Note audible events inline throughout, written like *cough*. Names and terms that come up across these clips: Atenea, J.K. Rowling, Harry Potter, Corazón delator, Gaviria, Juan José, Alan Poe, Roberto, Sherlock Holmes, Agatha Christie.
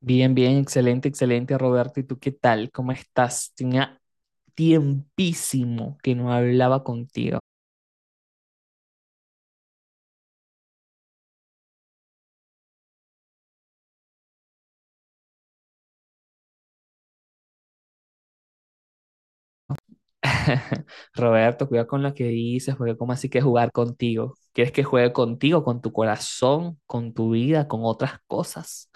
Bien, bien, excelente, excelente, Roberto. ¿Y tú qué tal? ¿Cómo estás? Tenía tiempísimo que no hablaba contigo. *laughs* Roberto, cuidado con lo que dices, porque ¿cómo así que jugar contigo? ¿Quieres que juegue contigo, con tu corazón, con tu vida, con otras cosas?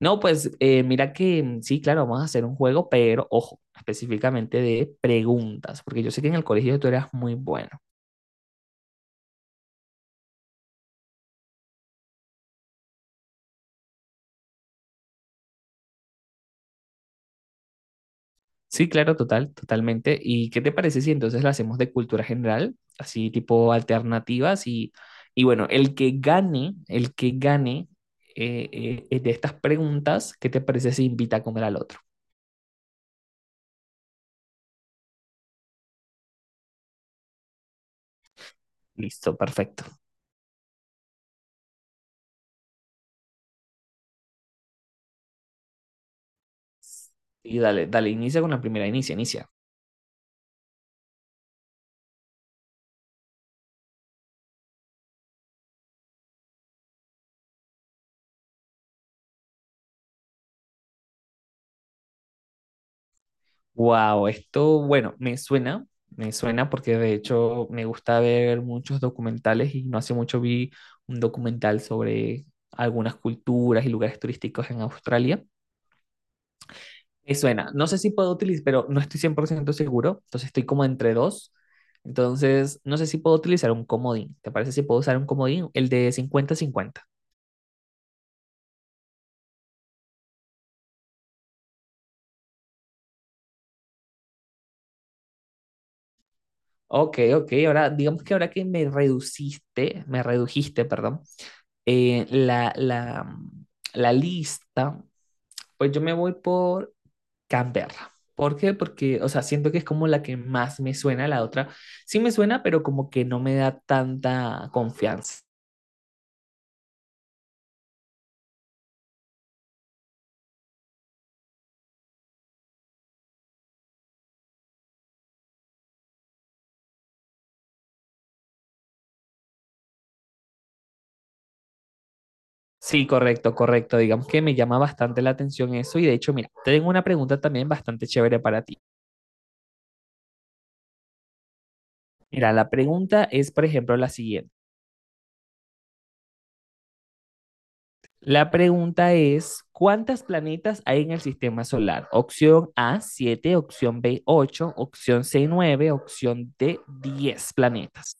No, pues mira que sí, claro, vamos a hacer un juego, pero ojo, específicamente de preguntas, porque yo sé que en el colegio tú eras muy bueno. Sí, claro, total, totalmente. ¿Y qué te parece si entonces la hacemos de cultura general, así tipo alternativas? Y bueno, el que gane de estas preguntas, ¿qué te parece si invita a comer al otro? Listo, perfecto. Y dale, dale, inicia con la primera, inicia, inicia. Wow, esto, bueno, me suena porque de hecho me gusta ver muchos documentales y no hace mucho vi un documental sobre algunas culturas y lugares turísticos en Australia. Me suena. No sé si puedo utilizar, pero no estoy 100% seguro. Entonces estoy como entre dos. Entonces, no sé si puedo utilizar un comodín. ¿Te parece si puedo usar un comodín? El de cincuenta cincuenta. Ok, ok. Ahora, digamos que ahora que me reduciste, me redujiste, perdón, eh, la, la, la lista, pues yo me voy por Canberra. ¿Por qué? Porque, o sea, siento que es como la que más me suena, la otra sí me suena, pero como que no me da tanta confianza. Sí, correcto, correcto. Digamos que me llama bastante la atención eso y de hecho, mira, tengo una pregunta también bastante chévere para ti. Mira, la pregunta es, por ejemplo, la siguiente. La pregunta es, ¿cuántas planetas hay en el sistema solar? Opción A, 7. Opción B, 8. Opción C, 9. Opción D, 10 planetas.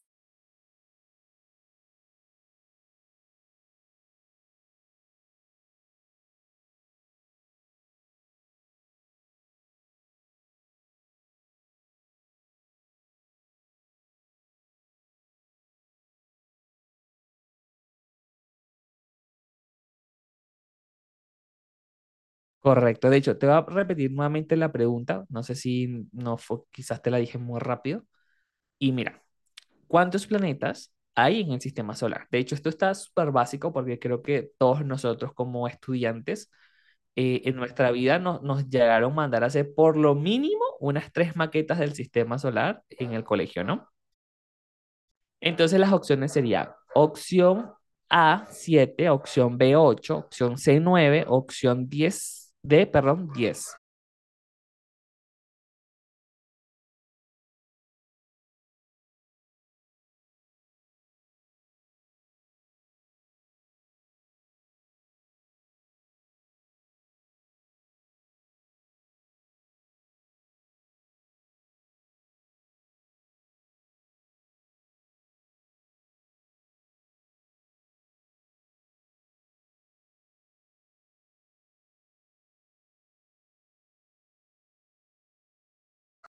Correcto, de hecho, te voy a repetir nuevamente la pregunta, no sé si no fue, quizás te la dije muy rápido. Y mira, cuántos planetas hay en el sistema solar. De hecho, esto está súper básico porque creo que todos nosotros como estudiantes en nuestra vida nos llegaron a mandar a hacer por lo mínimo unas tres maquetas del sistema solar en el colegio, ¿no? Entonces las opciones serían opción A, 7, opción B, 8, opción C, 9, opción 10, D, perdón, 10.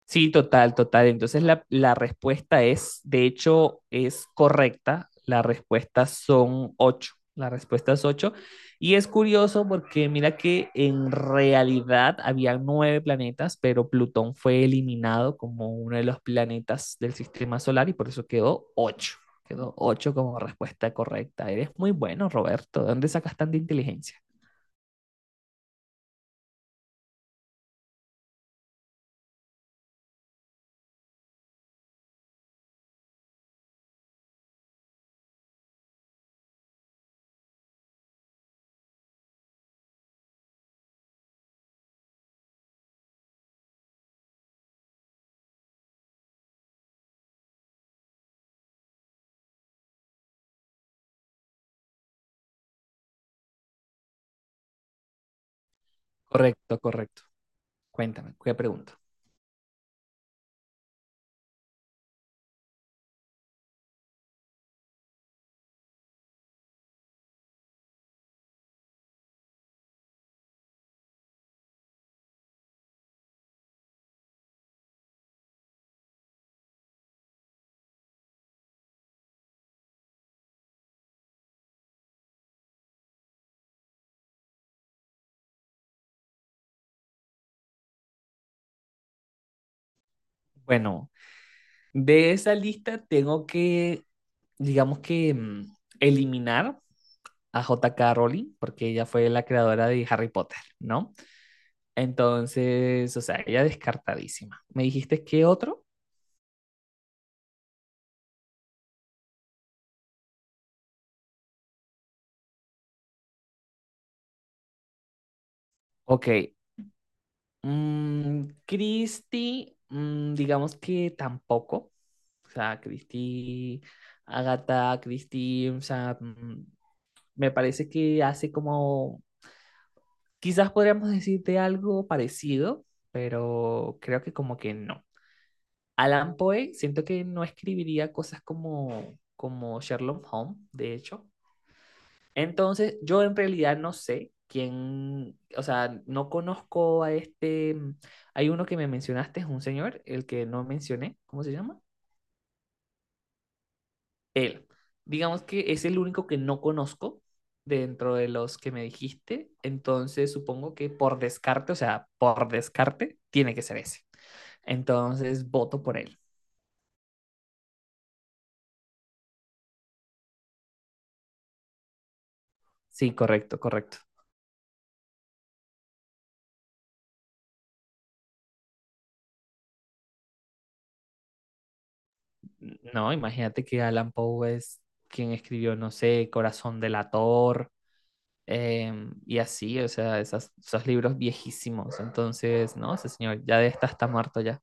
Sí, total, total. Entonces la respuesta es, de hecho, es correcta. La respuesta son ocho. La respuesta es ocho. Y es curioso porque mira que en realidad había nueve planetas, pero Plutón fue eliminado como uno de los planetas del sistema solar y por eso quedó ocho. Quedó ocho como respuesta correcta. Eres muy bueno, Roberto. ¿De dónde sacas tanta inteligencia? Correcto, correcto. Cuéntame, ¿qué pregunta? Bueno, de esa lista tengo que, digamos que, eliminar a J.K. Rowling, porque ella fue la creadora de Harry Potter, ¿no? Entonces, o sea, ella descartadísima. ¿Me dijiste qué otro? Ok. Christie, digamos que tampoco. O sea, Christie, Agatha Christie, o sea, me parece que hace como, quizás podríamos decirte algo parecido, pero creo que como que no. Alan Poe, siento que no escribiría cosas como, como Sherlock Holmes, de hecho. Entonces, yo en realidad no sé quién, o sea, no conozco a este, hay uno que me mencionaste, es un señor, el que no mencioné, ¿cómo se llama? Él. Digamos que es el único que no conozco dentro de los que me dijiste, entonces supongo que por descarte, o sea, por descarte, tiene que ser ese. Entonces, voto por él. Sí, correcto, correcto. No, imagínate que Alan Poe es quien escribió, no sé, Corazón delator. Y así, o sea, esos libros viejísimos. Entonces, no, ese señor ya de esta está muerto ya.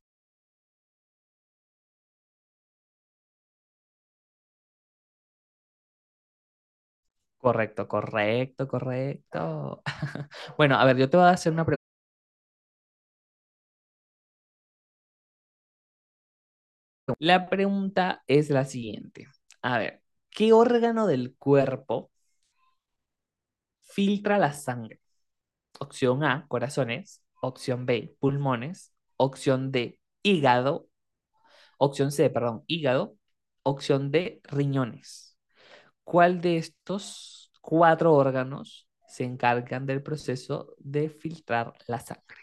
Correcto, correcto, correcto. *laughs* Bueno, a ver, yo te voy a hacer una pregunta. La pregunta es la siguiente. A ver, ¿qué órgano del cuerpo filtra la sangre? Opción A, corazones. Opción B, pulmones. Opción D, hígado. Opción C, perdón, hígado. Opción D, riñones. ¿Cuál de estos cuatro órganos se encargan del proceso de filtrar la sangre?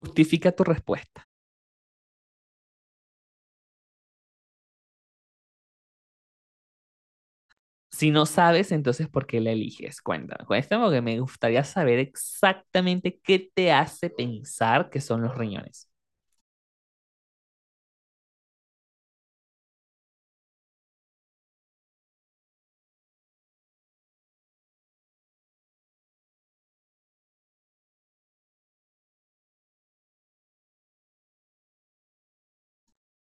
Justifica tu respuesta. Si no sabes, entonces ¿por qué la eliges? Cuéntame, cuéntame porque me gustaría saber exactamente qué te hace pensar que son los riñones.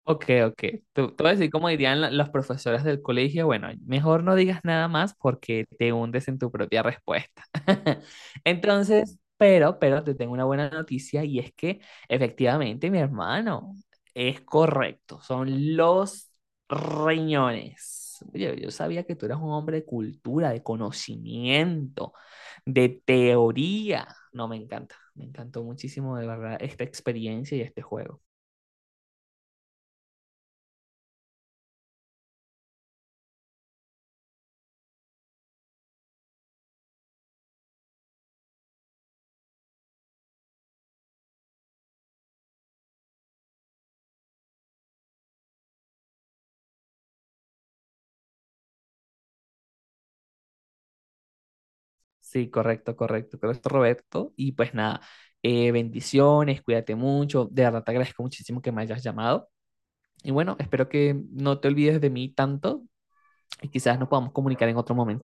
Ok, ok. Te voy a decir cómo dirían los profesores del colegio. Bueno, mejor no digas nada más porque te hundes en tu propia respuesta. *laughs* Entonces, pero te tengo una buena noticia y es que efectivamente, mi hermano, es correcto. Son los riñones. Oye, yo sabía que tú eras un hombre de cultura, de conocimiento, de teoría. No, me encanta. Me encantó muchísimo, de verdad, esta experiencia y este juego. Sí, correcto, correcto, correcto, Roberto. Y pues nada, bendiciones, cuídate mucho. De verdad te agradezco muchísimo que me hayas llamado. Y bueno, espero que no te olvides de mí tanto y quizás nos podamos comunicar en otro momento.